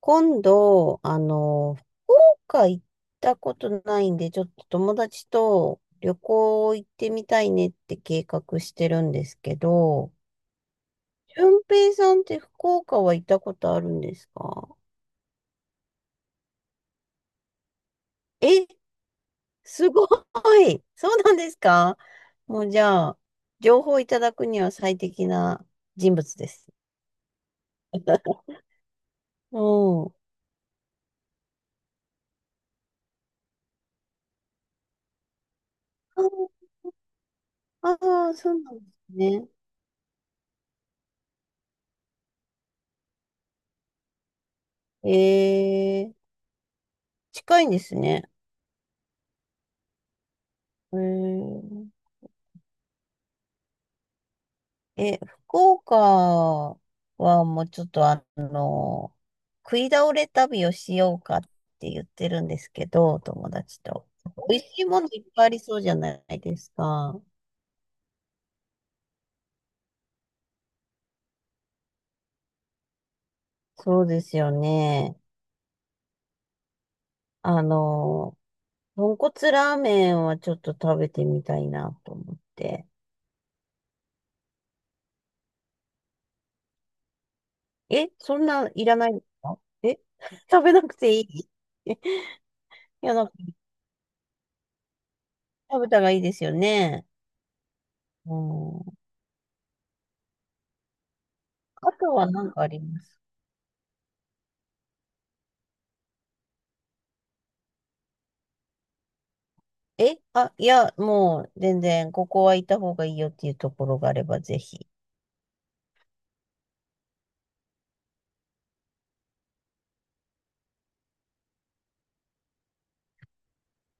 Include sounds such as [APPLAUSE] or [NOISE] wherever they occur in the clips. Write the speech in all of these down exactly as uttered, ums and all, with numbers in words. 今度、あの、福岡行ったことないんで、ちょっと友達と旅行行ってみたいねって計画してるんですけど、俊平さんって福岡は行ったことあるんですか？え、すごい。[LAUGHS] そうなんですか？もうじゃあ、情報いただくには最適な人物です。[LAUGHS] うん。ああー、そうなんですね。えー、近いんですね。えー、え、福岡はもうちょっとあの、食い倒れ旅をしようかって言ってるんですけど、友達と。美味しいものいっぱいありそうじゃないですか。そうですよね。あの、豚骨ラーメンはちょっと食べてみたいなと思って。え、そんなんいらないんですか？え、[LAUGHS] 食べなくていい。 [LAUGHS] いや、なんか食べたらいいですよね。うん。あとは何かあります？え、あ、いや、もう、全然、ここは行った方がいいよっていうところがあれば、ぜひ。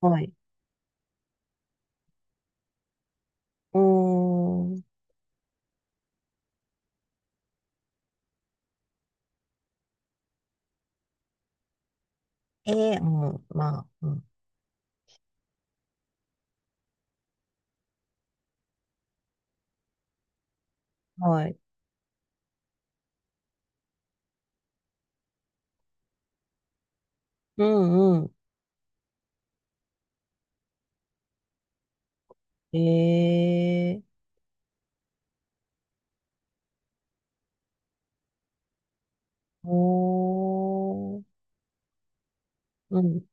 はい。うーん。えー、うん、まあ、うん。はい。うんうん。ええ、おー。うん。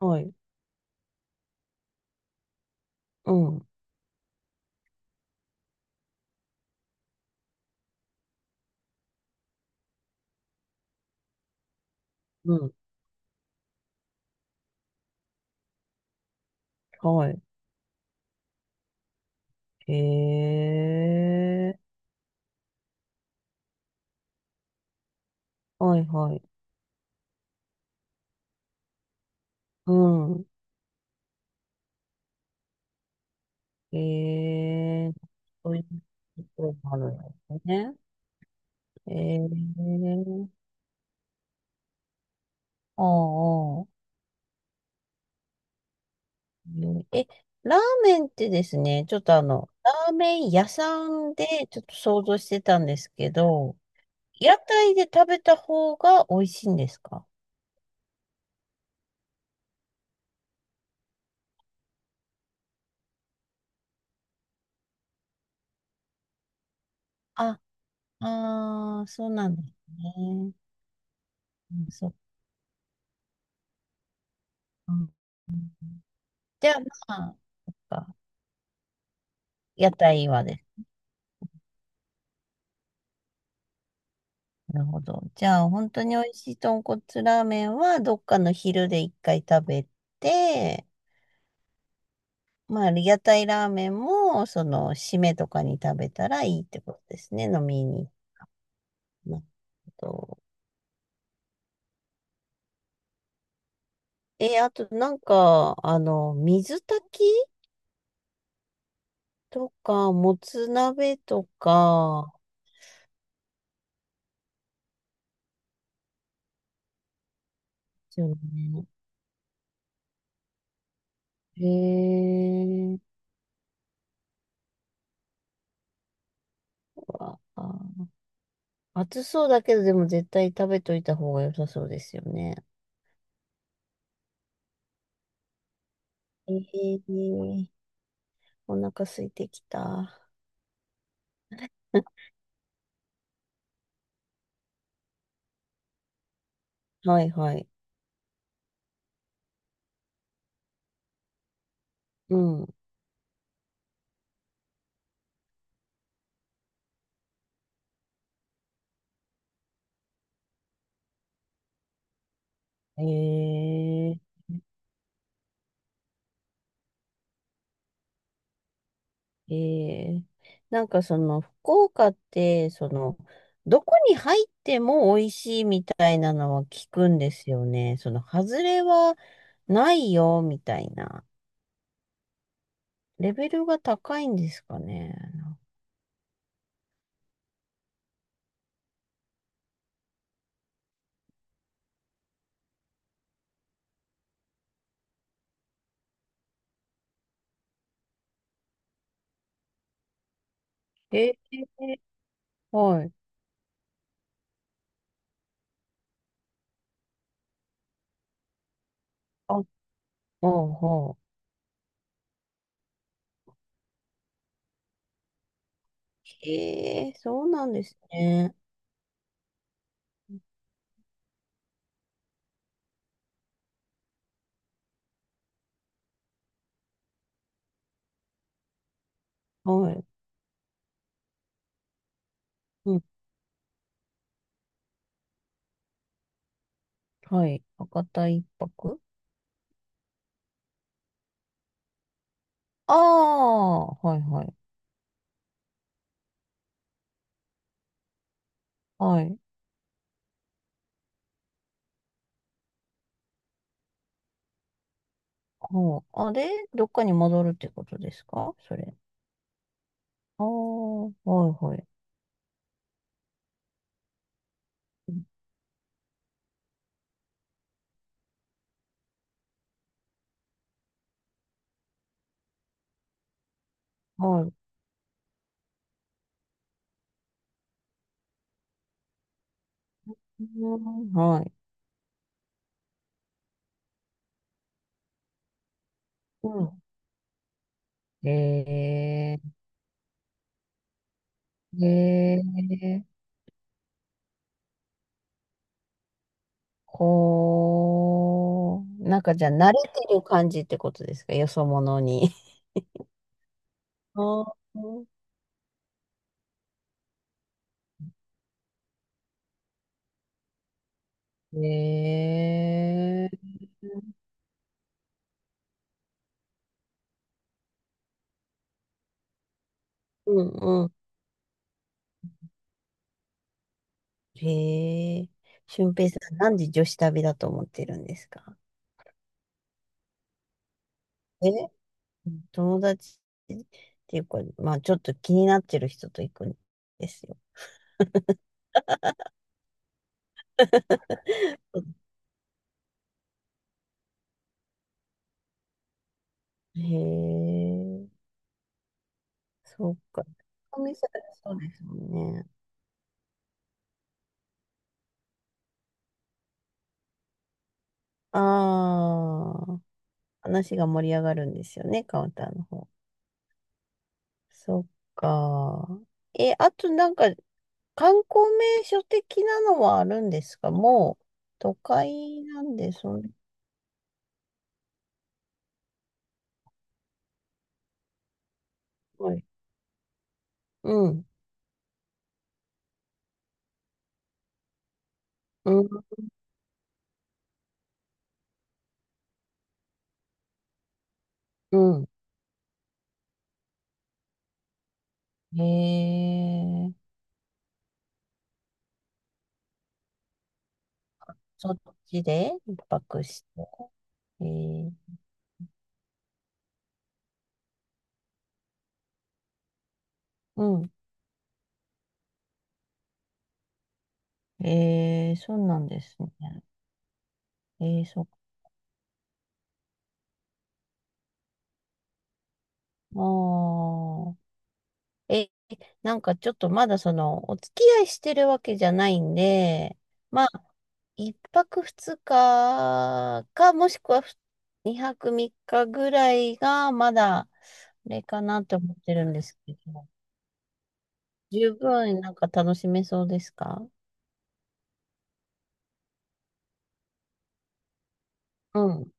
はい。うん。うん。はい。ええ、はいはい。うん。ええ、そういうところもあるんですね。ええ、ああ。ああ、ねえ、ラーメンってですね、ちょっとあの、ラーメン屋さんでちょっと想像してたんですけど、屋台で食べた方が美味しいんですか？あ、あー、そうなんですね。うん、そっか。じゃあ、まあ、屋台はです。なるほど。じゃあ、本当に美味しい豚骨ラーメンは、どっかの昼で一回食べて、まあ、屋台ラーメンも、その、締めとかに食べたらいいってことですね、飲みに。なと、え、あとなんか、あの、水炊きとか、もつ鍋とか、ですよね。へえ、わあ、暑そうだけど、でも絶対食べといた方が良さそうですよね。ええ、お腹空いてきた。[LAUGHS] はいはい。うん。ええええ、なんかその福岡って、その、どこに入っても美味しいみたいなのは聞くんですよね。その、外れはないよ、みたいな。レベルが高いんですかね。ええ、はい。あ、ほうほう。ええ、そうなんですね。はい。うん、はい。博多一泊、ああー、はいはい。はい。ほう。あ、で、どっかに戻るってことですか、それ？ああ、はいはい。はい。うん、はい。うん。えー、えー、こう、なんかじゃあ慣れてる感じってことですか、よそ者に？ああ、えー、うんうん。えー、俊平さん、なんで女子旅だと思ってるんですか？え、友達っていうか、まあちょっと気になってる人と行くんですよ。へえ、そうか。お店だとそうですもんね。ああ、話が盛り上がるんですよね、カウンターの方。そっか。え、あとなんか、観光名所的なのはあるんですか？もう、都会なんで、そんはい。うん、うん、うん。へえ、そっちで一泊して。へえー、うん。ええ、そうなんですね。ええ、そっか。あー、え、なんかちょっとまだその、お付き合いしてるわけじゃないんで、まあ、一泊二日か、もしくはふ二泊三日ぐらいが、まだ、あれかなって思ってるんですけど、十分なんか楽しめそうですか？うん。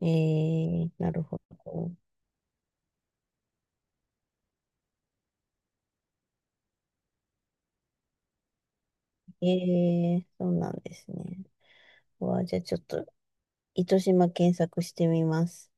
えー、なるほど。えー、そうなんですね。うわ、じゃあちょっと、糸島検索してみます。